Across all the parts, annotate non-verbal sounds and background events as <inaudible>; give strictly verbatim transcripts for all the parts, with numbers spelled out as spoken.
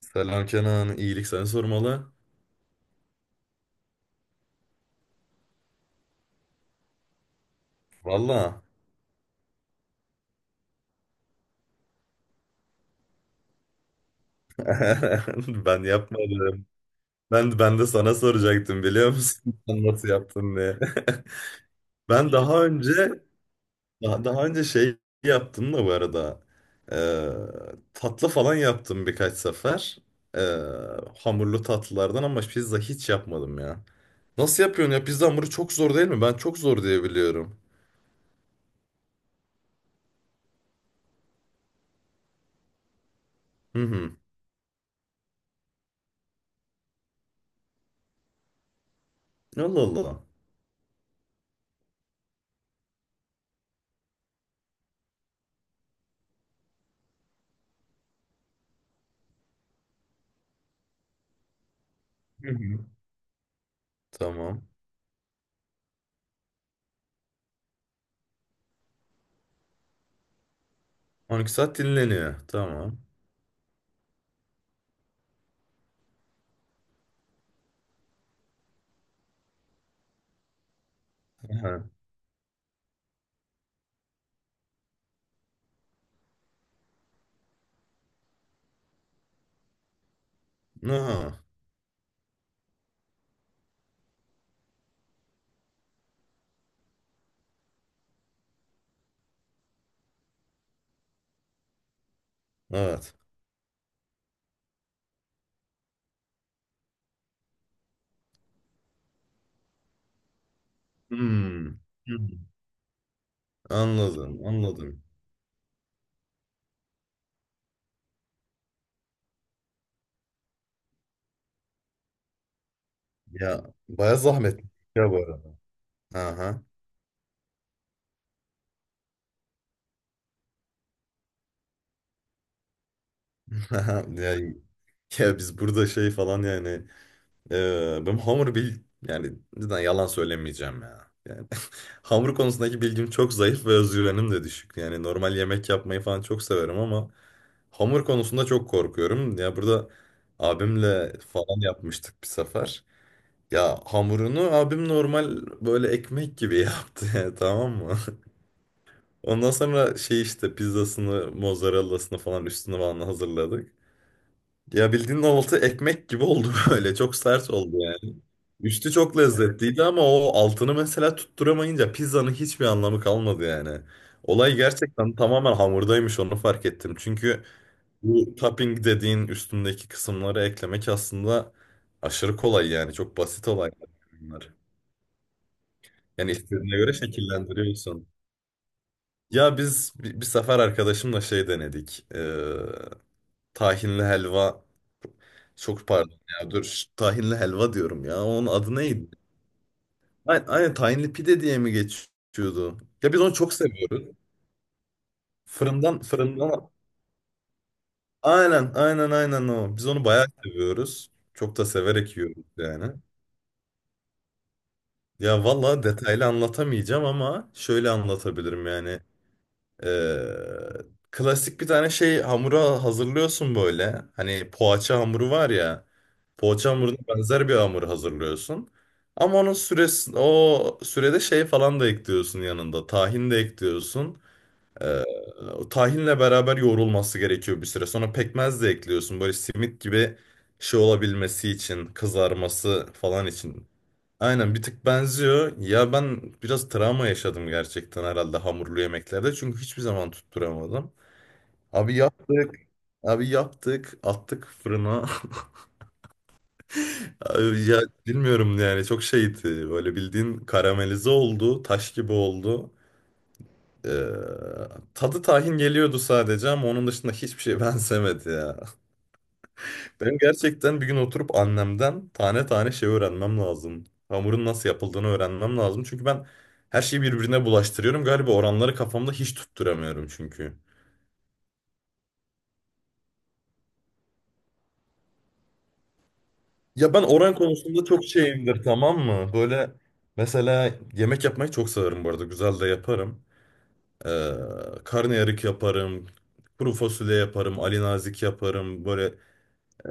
Selam Kenan, iyilik seni sormalı. Valla <laughs> ben yapmadım. Ben ben de sana soracaktım biliyor musun? <laughs> Sen nasıl yaptın diye. <laughs> Ben daha önce daha, daha önce şey yaptım da bu arada. Ee, tatlı falan yaptım birkaç sefer. Ee, hamurlu tatlılardan ama pizza hiç yapmadım ya. Nasıl yapıyorsun ya? Pizza hamuru çok zor değil mi? Ben çok zor diye biliyorum. Hı hı. Allah Allah. Hı hı. Tamam. On iki saat dinleniyor. Tamam. <laughs> Aha, evet. Hmm. Hmm. Anladım, anladım. Ya baya zahmetli ya bu arada. Aha. <laughs> Ya, ya biz burada şey falan yani e, benim hamur bil yani cidden yalan söylemeyeceğim ya. Yani <laughs> hamur konusundaki bilgim çok zayıf ve özgüvenim de düşük. Yani normal yemek yapmayı falan çok severim ama hamur konusunda çok korkuyorum. Ya burada abimle falan yapmıştık bir sefer. Ya hamurunu abim normal böyle ekmek gibi <laughs> yaptı yani, tamam mı? Ondan sonra şey işte pizzasını, mozzarellasını falan üstünü falan hazırladık. Ya bildiğin altı ekmek gibi oldu <laughs> böyle. Çok sert oldu yani. Üstü çok lezzetliydi ama o altını mesela tutturamayınca pizzanın hiçbir anlamı kalmadı yani. Olay gerçekten tamamen hamurdaymış, onu fark ettim. Çünkü bu topping dediğin üstündeki kısımları eklemek aslında aşırı kolay yani. Çok basit olaylar bunlar. Yani istediğine göre şekillendiriyorsun. Ya biz bir, bir sefer arkadaşımla şey denedik. Ee, tahinli helva. Çok pardon ya dur. ş- Tahinli helva diyorum ya. Onun adı neydi? Aynen, aynen tahinli pide diye mi geçiyordu? Ya biz onu çok seviyoruz. Fırından fırından. Aynen aynen aynen o. Biz onu bayağı seviyoruz. Çok da severek yiyoruz yani. Ya vallahi detaylı anlatamayacağım ama şöyle anlatabilirim yani. Ee, klasik bir tane şey hamura hazırlıyorsun böyle. Hani poğaça hamuru var ya. Poğaça hamuruna benzer bir hamur hazırlıyorsun. Ama onun süresi, o sürede şey falan da ekliyorsun yanında. Tahin de ekliyorsun. Ee, o tahinle beraber yoğrulması gerekiyor bir süre. Sonra pekmez de ekliyorsun. Böyle simit gibi şey olabilmesi için, kızarması falan için. Aynen bir tık benziyor. Ya ben biraz travma yaşadım gerçekten herhalde hamurlu yemeklerde. Çünkü hiçbir zaman tutturamadım. Abi yaptık, abi yaptık, attık fırına. <laughs> Abi ya bilmiyorum yani çok şeydi. Böyle bildiğin karamelize oldu, taş gibi oldu. Ee, tadı tahin geliyordu sadece ama onun dışında hiçbir şey <laughs> benzemedi ya. Ben gerçekten bir gün oturup annemden tane tane şey öğrenmem lazım. Hamurun nasıl yapıldığını öğrenmem lazım. Çünkü ben her şeyi birbirine bulaştırıyorum. Galiba oranları kafamda hiç tutturamıyorum çünkü. Ya ben oran konusunda çok şeyimdir tamam mı? Böyle mesela yemek yapmayı çok severim bu arada. Güzel de yaparım. Ee, karnıyarık yaparım. Kuru fasulye yaparım. Ali nazik yaparım. Böyle Ee,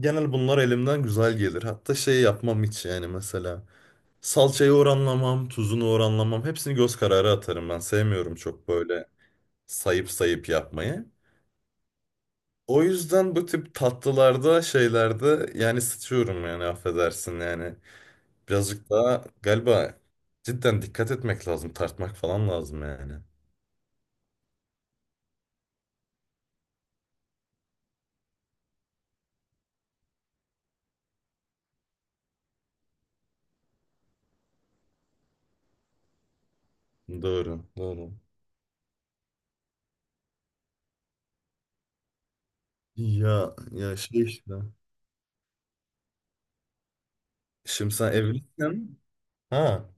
genel bunlar elimden güzel gelir. Hatta şey yapmam hiç yani mesela. Salçayı oranlamam, tuzunu oranlamam. Hepsini göz kararı atarım ben. Sevmiyorum çok böyle sayıp sayıp yapmayı. O yüzden bu tip tatlılarda, şeylerde yani sıçıyorum yani affedersin yani. Birazcık daha galiba cidden dikkat etmek lazım. Tartmak falan lazım yani. Doğru, doğru. Ya, ya şey işte. Şimdi sen evlisin. Ha,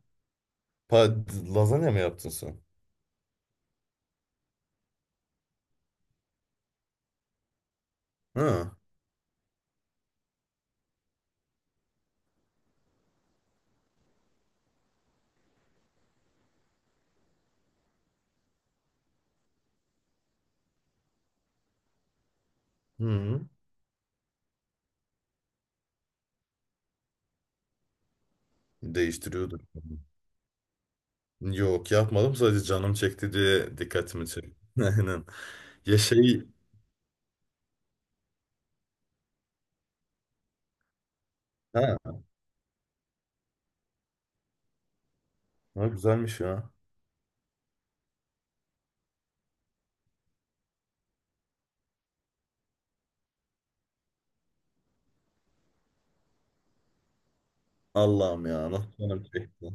pa lazanya mı yaptın sen? Ha. Hı. Değiştiriyordur. Yok yapmadım, sadece canım çekti diye dikkatimi çekti. <laughs> Aynen. Ya şey ha, ha güzelmiş ya. Allah'ım ya nasıl canım çekti.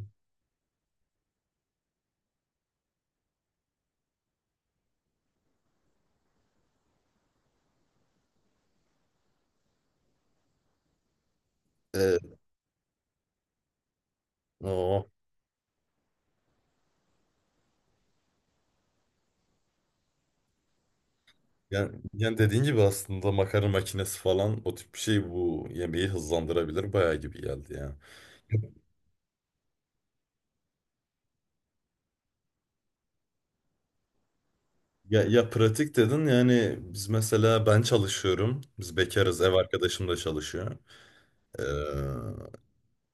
Evet. O. Yani, yani dediğin gibi aslında makarna makinesi falan o tip bir şey bu yemeği hızlandırabilir bayağı gibi geldi yani. Ya, ya pratik dedin yani biz mesela ben çalışıyorum. Biz bekarız, ev arkadaşım da çalışıyor. Ee,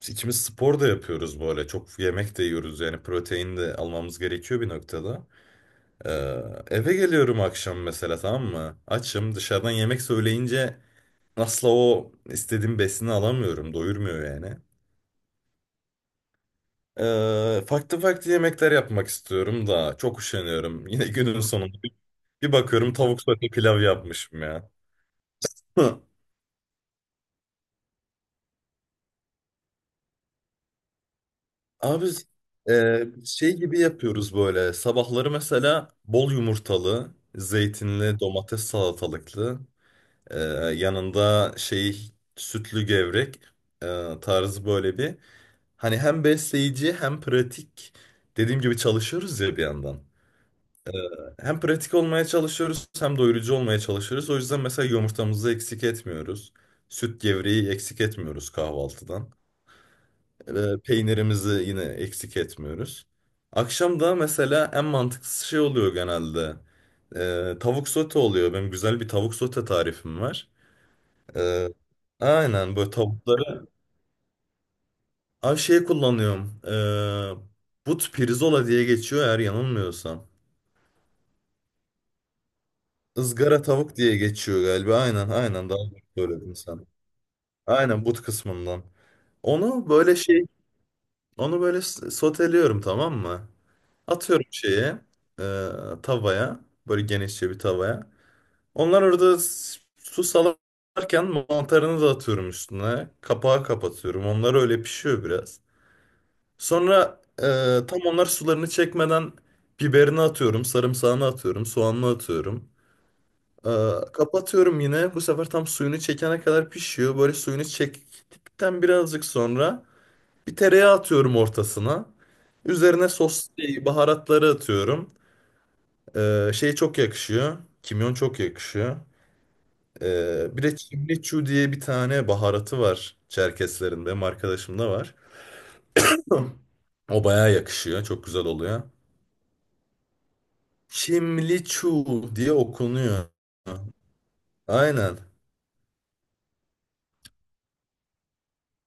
Biz İkimiz spor da yapıyoruz bu ara. Çok yemek de yiyoruz yani protein de almamız gerekiyor bir noktada. Ee, eve geliyorum akşam mesela tamam mı? Açım, dışarıdan yemek söyleyince asla o istediğim besini alamıyorum. Doyurmuyor yani. Ee, farklı farklı yemekler yapmak istiyorum da çok üşeniyorum. <laughs> Yine günün sonunda bir bir bakıyorum tavuk sote pilav yapmışım ya. <laughs> Abi e, şey gibi yapıyoruz böyle. Sabahları mesela bol yumurtalı, zeytinli, domates salatalıklı, e, yanında şey sütlü gevrek e, tarzı böyle bir. Hani hem besleyici hem pratik. Dediğim gibi çalışıyoruz ya bir yandan. Hem pratik olmaya çalışıyoruz, hem doyurucu olmaya çalışıyoruz. O yüzden mesela yumurtamızı eksik etmiyoruz. Süt gevreği eksik etmiyoruz kahvaltıdan. E, peynirimizi yine eksik etmiyoruz. Akşam da mesela en mantıklı şey oluyor genelde. E, tavuk sote oluyor. Benim güzel bir tavuk sote tarifim var. E, aynen böyle tavukları. Ay şey kullanıyorum. E, but pirzola diye geçiyor eğer yanılmıyorsam. Izgara tavuk diye geçiyor galiba. Aynen aynen, daha doğru söyledin sen. Aynen but kısmından. Onu böyle şey, onu böyle s- soteliyorum tamam mı? Atıyorum şeye, e, tavaya, böyle genişçe bir tavaya. Onlar orada s- su salarken mantarını da atıyorum üstüne. Kapağı kapatıyorum. Onlar öyle pişiyor biraz. Sonra e, tam onlar sularını çekmeden biberini atıyorum, sarımsağını atıyorum, soğanını atıyorum. E, kapatıyorum yine. Bu sefer tam suyunu çekene kadar pişiyor. Böyle suyunu çektikten birazcık sonra bir tereyağı atıyorum ortasına. Üzerine sos, şey, baharatları atıyorum. Ee, şey çok yakışıyor. Kimyon çok yakışıyor. Ee, bir de Çimliçu diye bir tane baharatı var Çerkeslerin. Benim arkadaşımda var. <clears throat> <laughs> O bayağı yakışıyor. Çok güzel oluyor. Çimliçu diye okunuyor. Aynen.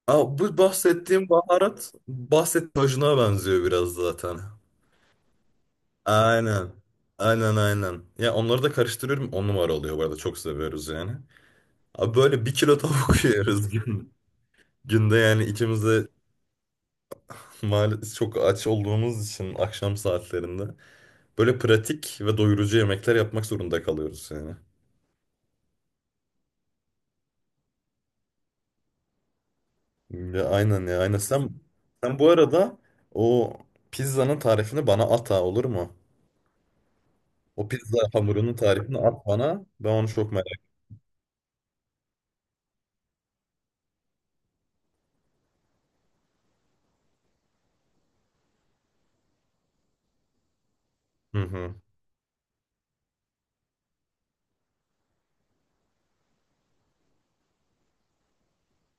Aa, bu bahsettiğim baharat bahsettiğim tajına benziyor biraz zaten. Aynen. Aynen aynen. Ya onları da karıştırıyorum. On numara oluyor bu arada. Çok seviyoruz yani. Abi böyle bir kilo tavuk <laughs> yiyoruz gün. Günde yani ikimiz de maalesef çok aç olduğumuz için akşam saatlerinde böyle pratik ve doyurucu yemekler yapmak zorunda kalıyoruz yani. Ya aynen ya aynen. Sen, sen bu arada o pizzanın tarifini bana at ha, olur mu? O pizza hamurunun tarifini at bana. Ben onu çok merak ediyorum.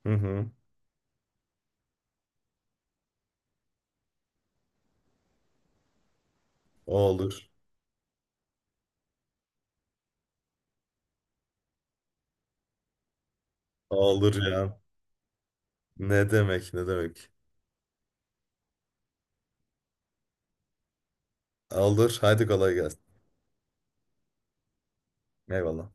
Hı hı. Hı hı. Olur. Olur ya. Ne demek ne demek. Olur. Haydi kolay gelsin. Eyvallah.